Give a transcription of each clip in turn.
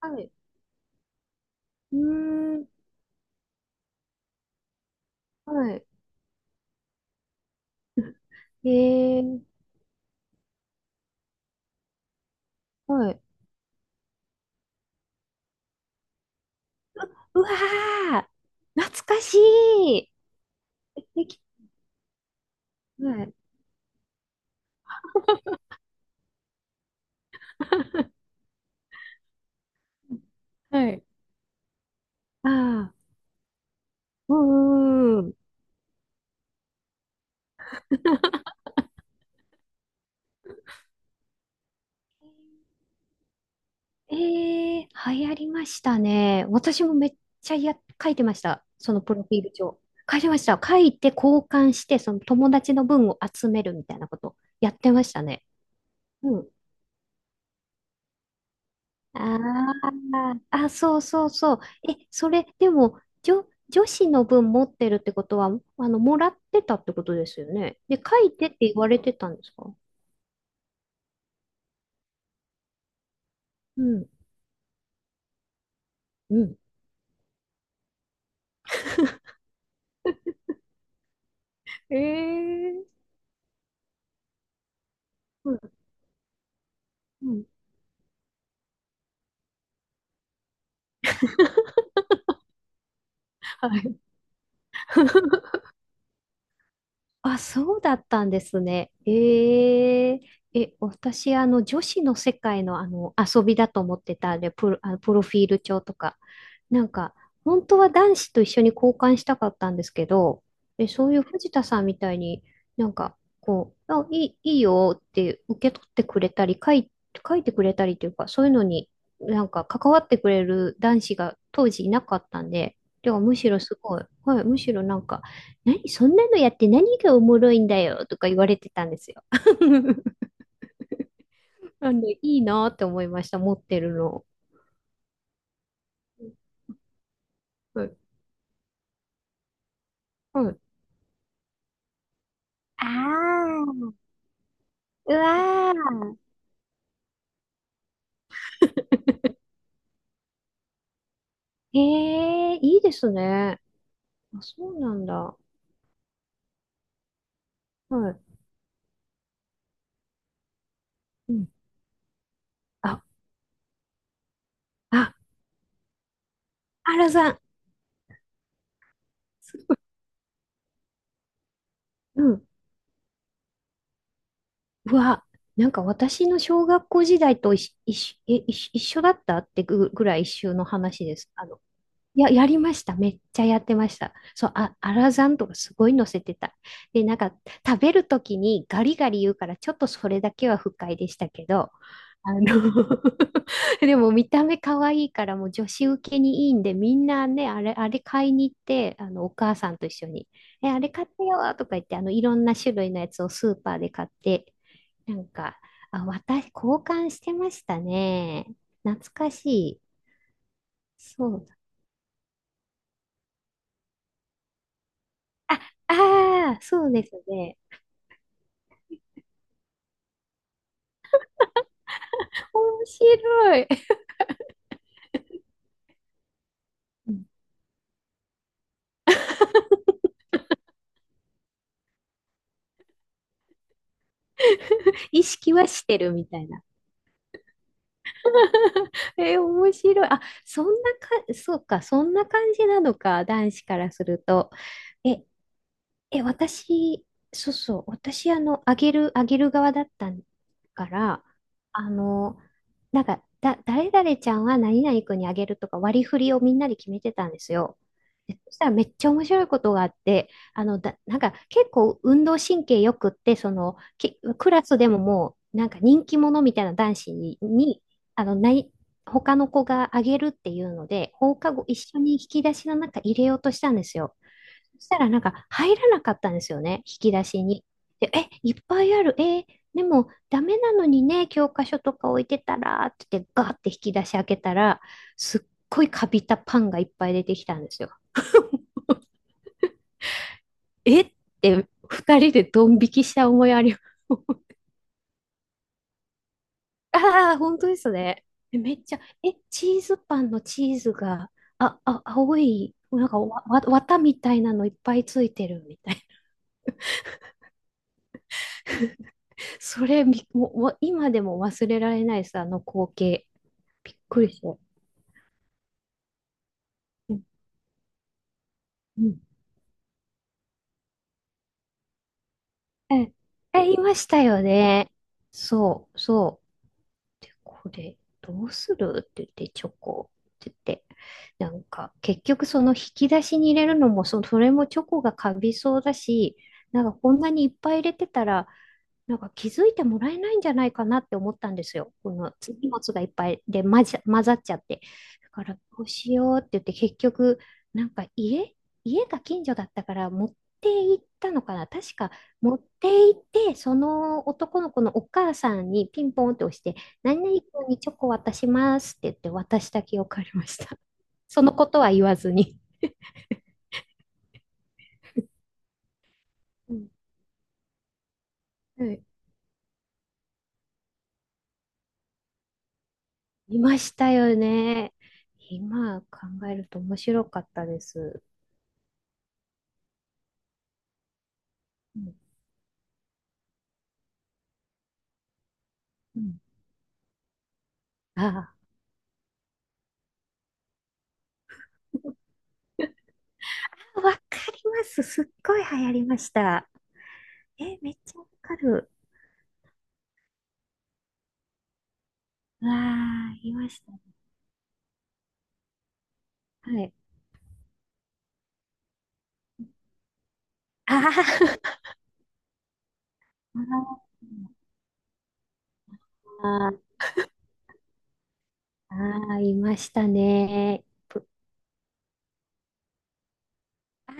はい。うーん。はい。ええー。はい。うわー懐かしいでき、はい。はい。ああ、うんうんうん。ええー、流行りましたね。私もめっちゃや、書いてました。そのプロフィール帳。書いてました。書いて交換して、その友達の分を集めるみたいなことやってましたね。うん、ああ、あ、そうそうそう。え、それ、でも、女子の分持ってるってことは、あの、もらってたってことですよね。で、書いてって言われてたんですか？うん、うん。ええー。うん、うん。はい。あ、そうだったんですね。ええ、え、私、あの、女子の世界の、あの、遊びだと思ってたんで、あの、プロフィール帳とか。なんか、本当は男子と一緒に交換したかったんですけど、え、そういう藤田さんみたいになんか、こう、あ、いいよって受け取ってくれたり、書いてくれたりというか、そういうのになんか関わってくれる男子が当時いなかったんで、ではむしろすごい、はい、むしろなんか、何そんなのやって何がおもろいんだよとか言われてたんですよ。あの、いいなって思いました、持ってるの。はい。はい。ああ、うわあ、へえ、いいですね。あ、そうなんだ。はい。うん。あ、あ、原さん。うん。うわ、なんか私の小学校時代と一緒、一緒、え一緒一緒だったってぐらい一緒の話です。あの、やりました。めっちゃやってました。そう、あ、アラザンとかすごい乗せてた。で、なんか、食べるときにガリガリ言うから、ちょっとそれだけは不快でしたけど、あの でも見た目可愛いからもう女子受けにいいんでみんなねあれ買いに行ってあのお母さんと一緒に「えあれ買ってよ」とか言ってあのいろんな種類のやつをスーパーで買って、なんかあ私交換してましたね。懐かしい。そう、あ、ああ、そうですね。面白い。うん。 意識はしてるみたいな。え、面白い。あ、そうか、そんな感じなのか、男子からすると。え、え、私、そうそう、私、あの、あげる側だったから、あの、なんか、誰々ちゃんは何々君にあげるとか割り振りをみんなで決めてたんですよ。でそしたらめっちゃ面白いことがあって、あの、なんか結構運動神経よくって、クラスでももう、なんか人気者みたいな男子に、あの、ない、他の子があげるっていうので、放課後一緒に引き出しの中入れようとしたんですよ。そしたらなんか入らなかったんですよね、引き出しに。で、え、いっぱいある、えーでもダメなのにね、教科書とか置いてたらって言ってガーって引き出し開けたら、すっごいカビたパンがいっぱい出てきたんですよ。えって二人でドン引きした思いあります。ああ、本当ですね。めっちゃ、え、チーズパンのチーズが、あ、あ、青い、なんか綿みたいなのいっぱいついてるみたいな。それびもう、も今でも忘れられないです、あの光景。びっくりした。うんうん。え、え、いましたよね。そう、そう。で、これ、どうするって言って、チョコって言って。なんか、結局その引き出しに入れるのも、それもチョコがカビそうだし、なんかこんなにいっぱい入れてたら、なんか気づいてもらえないんじゃないかなって思ったんですよ。この荷物がいっぱいで混ざっちゃって。だからどうしようって言って結局なんか家が近所だったから持って行ったのかな。確か持って行ってその男の子のお母さんにピンポンって押して何々君にチョコ渡しますって言って渡した記憶ありました。そのことは言わずに。うん。はい。いましたよね。今考えると面白かったです。うんうん。ああ、わかります。すっごい流行りました。え、めっちゃわかる。わあ、いました。はい。あー あ、あ、あ、いましたね。ぷ、あ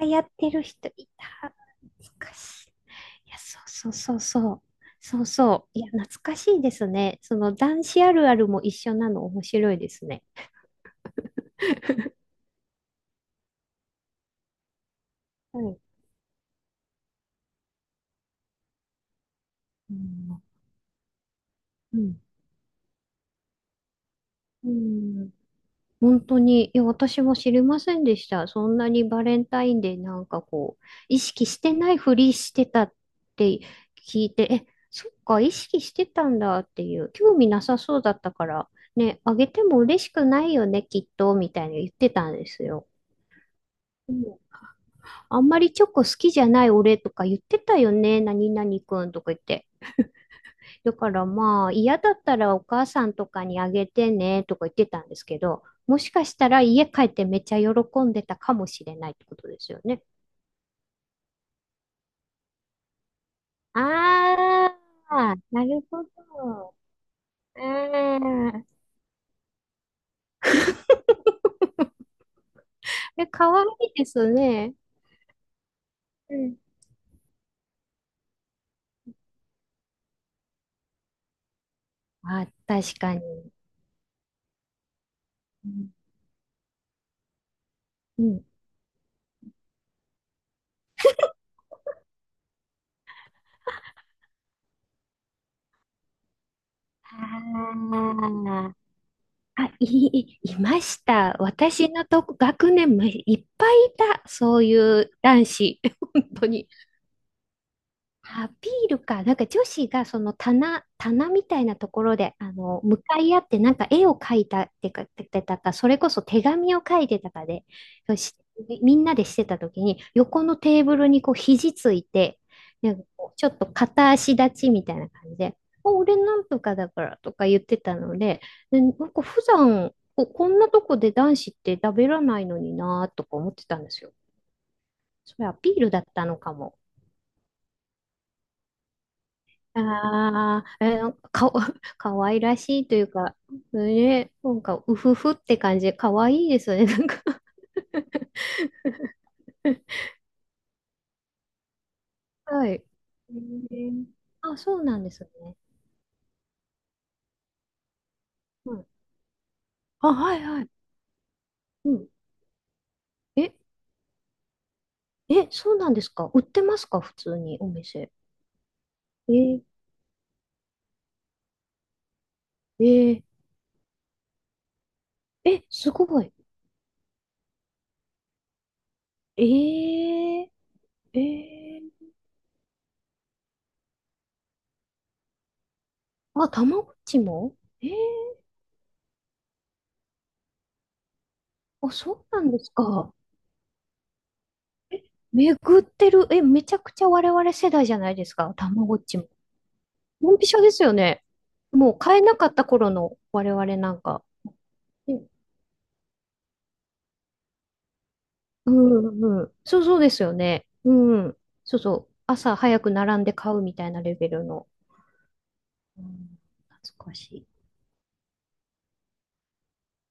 あ、やってる人いた。懐かしい。いや、そうそうそうそう。そうそう。いや、懐かしいですね。その男子あるあるも一緒なの面白いですね。はい。うん。うん。うん、本当に、いや、私も知りませんでした。そんなにバレンタインデーなんかこう、意識してないふりしてたって聞いて、え、そっか、意識してたんだっていう、興味なさそうだったから、ね、あげても嬉しくないよね、きっと、みたいに言ってたんですよ。うん。あんまりチョコ好きじゃない俺とか言ってたよね、何々くんとか言って。だからまあ嫌だったらお母さんとかにあげてねとか言ってたんですけど、もしかしたら家帰ってめっちゃ喜んでたかもしれないってことですよね。ああ、なるほど。うん。え、かわいいですね。うん。あ、確かに。うん。うん。あー、いました。私のとこ、学年もいっぱいいた。そういう男子。本当に。アピールか。なんか女子がその棚みたいなところで、あの、向かい合ってなんか絵を描いたってか、ててたか、それこそ手紙を書いてたかで、そしみんなでしてた時に、横のテーブルにこう肘ついて、なんかこうちょっと片足立ちみたいな感じで、俺なんとかだからとか言ってたので、でなんか普段こんなとこで男子って食べらないのになとか思ってたんですよ。それアピールだったのかも。ああ、えー、かわ、かわいらしいというか、ね、なんか、うふふって感じ、かわいいですね、なんか はい。えー、あ、そうなんですね。うん。あ、はいはい。うん。え、え、そうなんですか、売ってますか普通にお店。えー、えー、え、すごい。えー、えー、あ、たまごっちも、えー、あ、そうなんですか。え、巡ってる。え、めちゃくちゃ我々世代じゃないですか、たまごっちも。ドンピシャですよね。もう買えなかった頃の我々なんか。うんうんうん。そうそうですよね。うん。そうそう。朝早く並んで買うみたいなレベルの。うん、懐かしい。